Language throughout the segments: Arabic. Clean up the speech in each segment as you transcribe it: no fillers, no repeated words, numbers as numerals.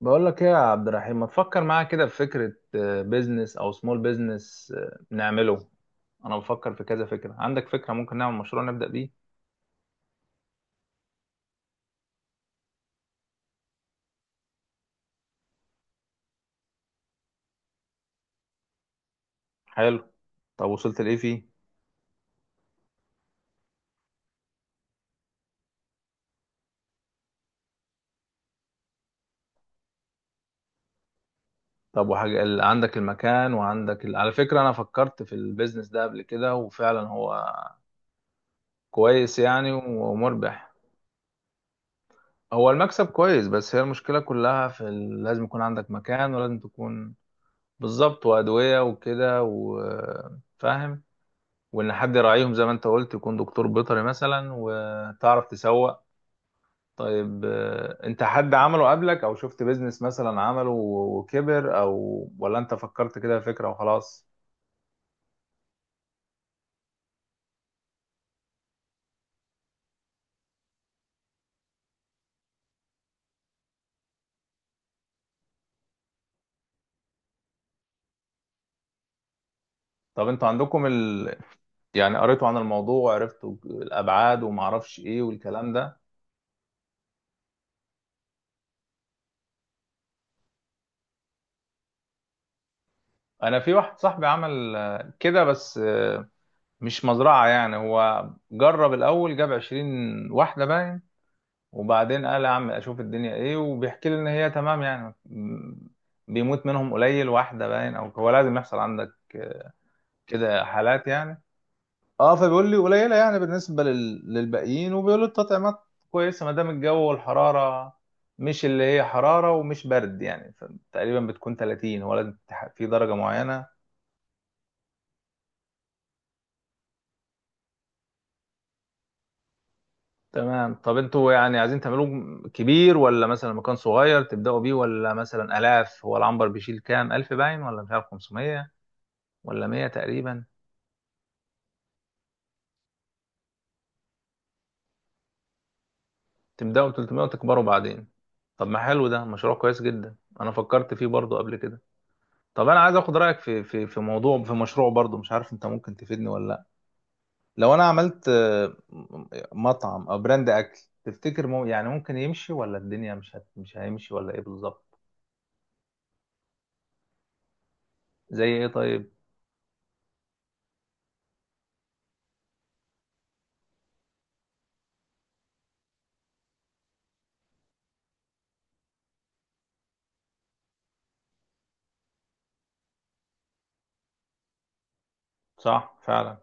بقول لك ايه يا عبد الرحيم، ما تفكر معايا كده في فكرة بيزنس او سمول بيزنس نعمله. انا بفكر في كذا فكرة. عندك فكرة ممكن نعمل مشروع نبدأ بيه؟ حلو. طب وصلت لايه فيه؟ طب وحاجة عندك المكان وعندك على فكرة، انا فكرت في البيزنس ده قبل كده وفعلا هو كويس يعني ومربح. هو المكسب كويس بس هي المشكلة كلها في لازم يكون عندك مكان ولازم تكون بالظبط، وأدوية وكده وفاهم، وان حد يراعيهم زي ما انت قلت يكون دكتور بيطري مثلا وتعرف تسوق. طيب، انت حد عمله قبلك او شفت بيزنس مثلا عمله و- وكبر، او ولا انت فكرت كده فكرة وخلاص؟ طب انتوا عندكم يعني قريتوا عن الموضوع وعرفتوا الابعاد وما اعرفش ايه والكلام ده؟ انا في واحد صاحبي عمل كده بس مش مزرعة يعني، هو جرب الاول جاب 20 واحدة باين. وبعدين قال يا عم اشوف الدنيا ايه، وبيحكي لي ان هي تمام يعني. بيموت منهم قليل واحده باين، او هو لازم يحصل عندك كده حالات يعني. اه، فبيقول لي قليله يعني بالنسبه للباقيين، وبيقول لي التطعيمات كويسه ما دام الجو والحراره مش اللي هي حراره ومش برد يعني. تقريبا بتكون 30، هو لازم في درجه معينه. تمام. طب انتوا يعني عايزين تعملوه كبير ولا مثلا مكان صغير تبداوا بيه؟ ولا مثلا الاف، هو العنبر بيشيل كام الف باين، ولا مش عارف 500 ولا 100 تقريبا؟ تبداوا ب 300 وتكبروا بعدين؟ طب ما حلو، ده مشروع كويس جدا. انا فكرت فيه برضو قبل كده. طب انا عايز اخد رايك في موضوع في مشروع برضو، مش عارف انت ممكن تفيدني ولا لا. لو انا عملت مطعم او براند اكل، تفتكر مو يعني ممكن يمشي ولا الدنيا مش هيمشي ولا ايه بالظبط؟ زي ايه طيب؟ صح فعلا.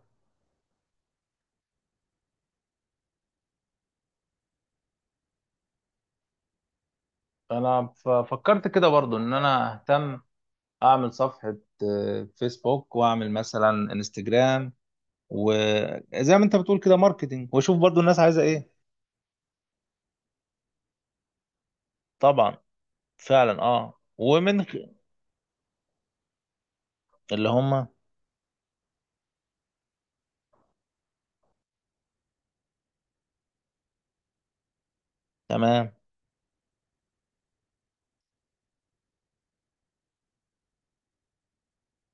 انا فكرت كده برضو ان انا اهتم، اعمل صفحة فيسبوك واعمل مثلا انستجرام، وزي ما انت بتقول كده ماركتينج، واشوف برضو الناس عايزه ايه. طبعا. فعلا اه، اللي هم تمام.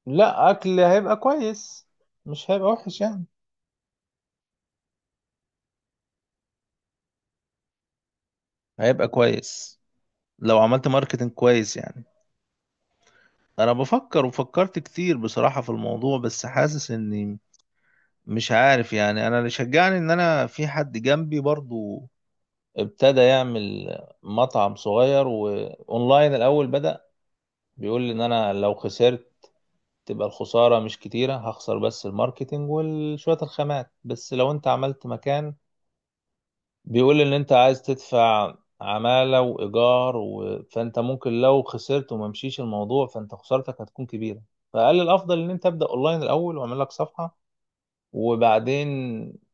لا، اكل هيبقى كويس، مش هيبقى وحش يعني، هيبقى كويس لو عملت ماركتينج كويس يعني. انا بفكر وفكرت كتير بصراحة في الموضوع بس حاسس اني مش عارف يعني. انا اللي شجعني ان انا في حد جنبي برضو، ابتدى يعمل مطعم صغير واونلاين الاول بدأ. بيقول لي ان انا لو خسرت تبقى الخسارة مش كتيرة، هخسر بس الماركتينج وشوية الخامات، بس لو انت عملت مكان بيقول ان انت عايز تدفع عمالة وإيجار فانت ممكن لو خسرت وما مشيش الموضوع فانت خسارتك هتكون كبيرة. فقال الأفضل ان انت ابدأ اونلاين الأول واعمل لك صفحة وبعدين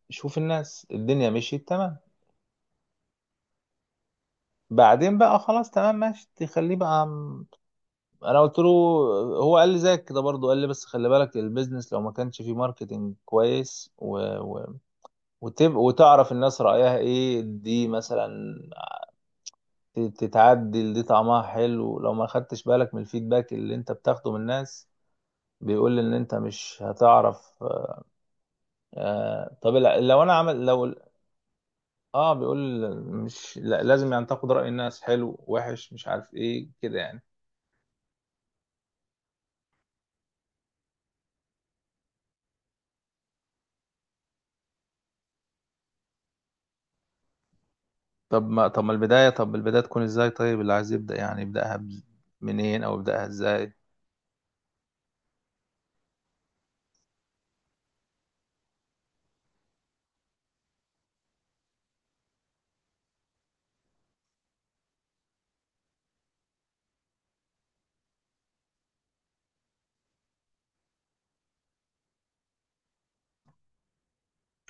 شوف الناس، الدنيا مشيت تمام، بعدين بقى خلاص تمام ماشي تخليه بقى. انا قلت له. هو قال لي زيك كده برضه، قال لي بس خلي بالك البيزنس لو ما كانش فيه ماركتينج كويس وتعرف الناس رأيها ايه دي مثلا، تتعدل، دي طعمها حلو. لو ما خدتش بالك من الفيدباك اللي انت بتاخده من الناس بيقول ان انت مش هتعرف. طب لو انا عمل لو اه، بيقول مش لا لازم يعني تاخد رأي الناس حلو وحش مش عارف ايه كده يعني. طب ما طب ما البداية طب البداية تكون ازاي طيب، اللي عايز يبدأ يعني يبدأها منين او يبدأها ازاي؟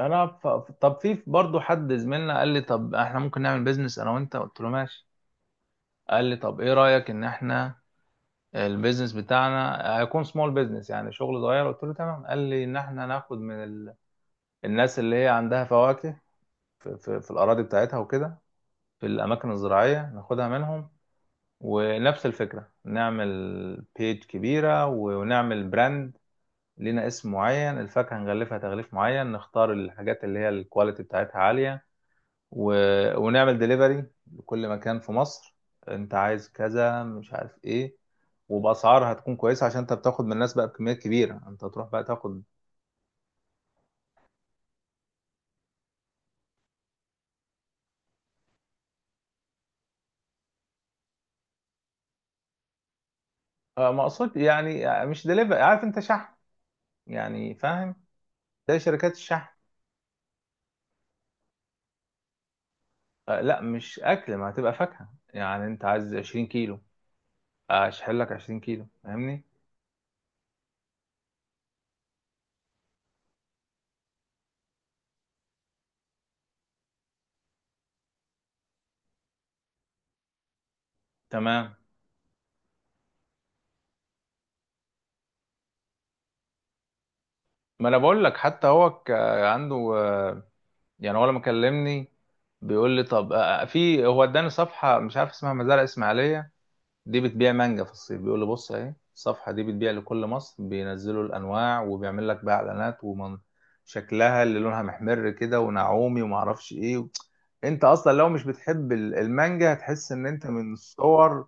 انا ف... طب في برضه حد زميلنا قال لي طب احنا ممكن نعمل بيزنس انا وانت، قلت له ماشي. قال لي طب ايه رأيك ان احنا البيزنس بتاعنا هيكون سمول بيزنس يعني شغل صغير، قلت له تمام. قال لي ان احنا ناخد من الناس اللي هي عندها فواكه في الاراضي بتاعتها وكده، في الاماكن الزراعية ناخدها منهم. ونفس الفكرة نعمل بيج كبيرة ونعمل براند لينا اسم معين، الفاكهة نغلفها تغليف معين، نختار الحاجات اللي هي الكواليتي بتاعتها عالية و... ونعمل ديليفري لكل مكان في مصر، انت عايز كذا مش عارف ايه، وباسعار هتكون كويسه عشان انت بتاخد من الناس بقى بكميات كبيره، انت تروح بقى تاخد. مقصود يعني مش ديليفري، عارف انت؟ شحن يعني، فاهم؟ زي شركات الشحن. لا مش اكل، ما هتبقى فاكهه يعني، انت عايز 20 كيلو اشحن لك 20 كيلو، فاهمني؟ تمام. ما انا بقول لك، حتى هو عنده يعني، هو لما كلمني بيقول لي طب، في، هو اداني صفحة مش عارف اسمها مزارع اسماعيلية، دي بتبيع مانجا في الصيف. بيقول لي بص اهي الصفحة دي بتبيع لكل مصر، بينزلوا الانواع وبيعمل لك بقى اعلانات، ومن شكلها اللي لونها محمر كده ونعومي وما اعرفش ايه، انت اصلا لو مش بتحب المانجا هتحس ان انت من الصور،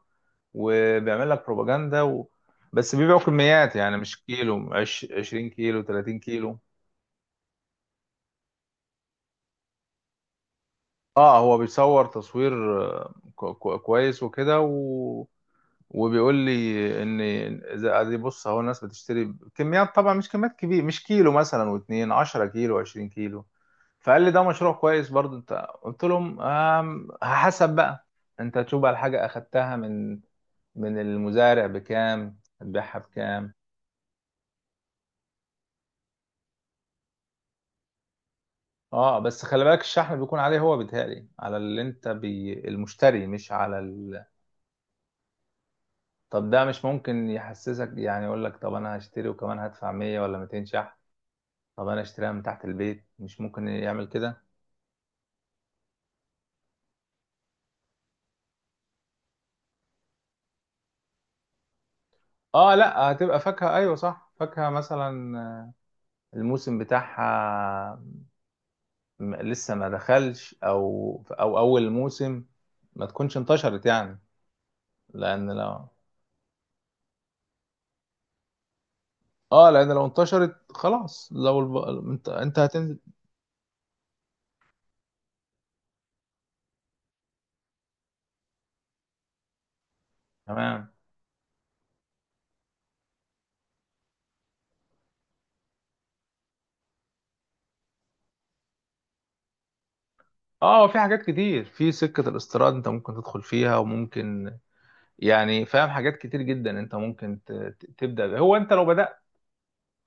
وبيعمل لك بروباجندا بس بيبيعوا كميات يعني، مش كيلو 20 كيلو 30 كيلو. اه، هو بيصور تصوير كويس وكده وبيقول لي ان اذا ادي بص اهو، الناس بتشتري كميات طبعا، مش كميات كبيره، مش كيلو مثلا واتنين، 10 كيلو 20 كيلو. فقال لي ده مشروع كويس برضو انت. قلت لهم حسب بقى، انت تشوف بقى الحاجة اخدتها من المزارع بكام هتبيعها بكام. اه بس خلي بالك الشحن بيكون عليه هو، بيتهيألي على اللي انت بي المشتري مش على. طب ده مش ممكن يحسسك يعني يقول لك طب انا هشتري وكمان هدفع 100 ولا 200 شحن؟ طب انا اشتريها من تحت البيت، مش ممكن يعمل كده؟ اه لا، هتبقى فاكهة، ايوه صح، فاكهة مثلا الموسم بتاعها لسه ما دخلش، او اول موسم ما تكونش انتشرت يعني، لان لو اه، لان لو انتشرت خلاص، لو انت هتنزل. تمام. اه، في حاجات كتير في سكة الاستيراد انت ممكن تدخل فيها وممكن يعني فاهم. حاجات كتير جدا انت ممكن تبدا بيها. هو انت لو بدات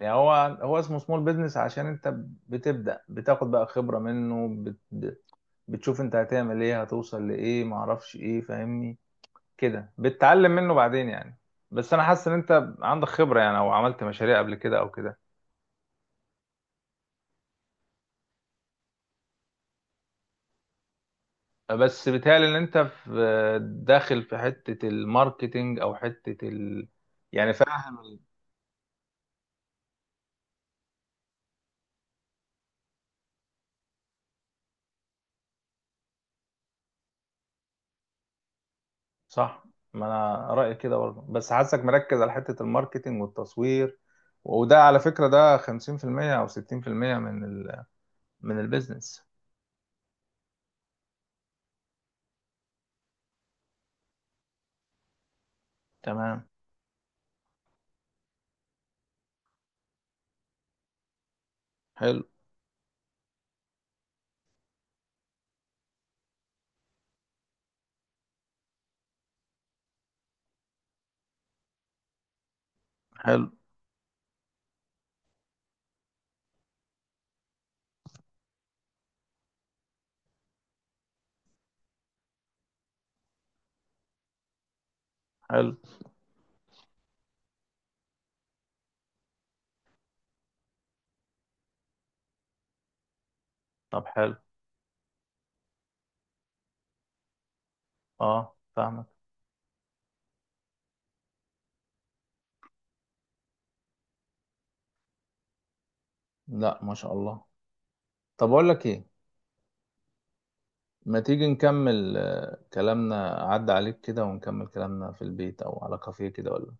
يعني، هو اسمه سمول بيزنس عشان انت بتبدا بتاخد بقى خبره منه، بتشوف انت هتعمل ايه هتوصل لايه معرفش ايه، فاهمني؟ كده بتتعلم منه بعدين يعني. بس انا حاسس ان انت عندك خبره يعني، او عملت مشاريع قبل كده او كده. بس بيتهيألي ان انت في داخل في حته الماركتينج او حته يعني فاهم صح. ما انا رايي كده برضه، بس حاسك مركز على حته الماركتينج والتصوير، وده على فكره ده 50% او 60% من من البيزنس. تمام. حلو حلو حلو. طب حلو. اه، فاهمك. لا، ما شاء الله. طب اقول لك ايه، ما تيجي نكمل كلامنا عدى عليك كده ونكمل كلامنا في البيت او على كافيه كده ولا؟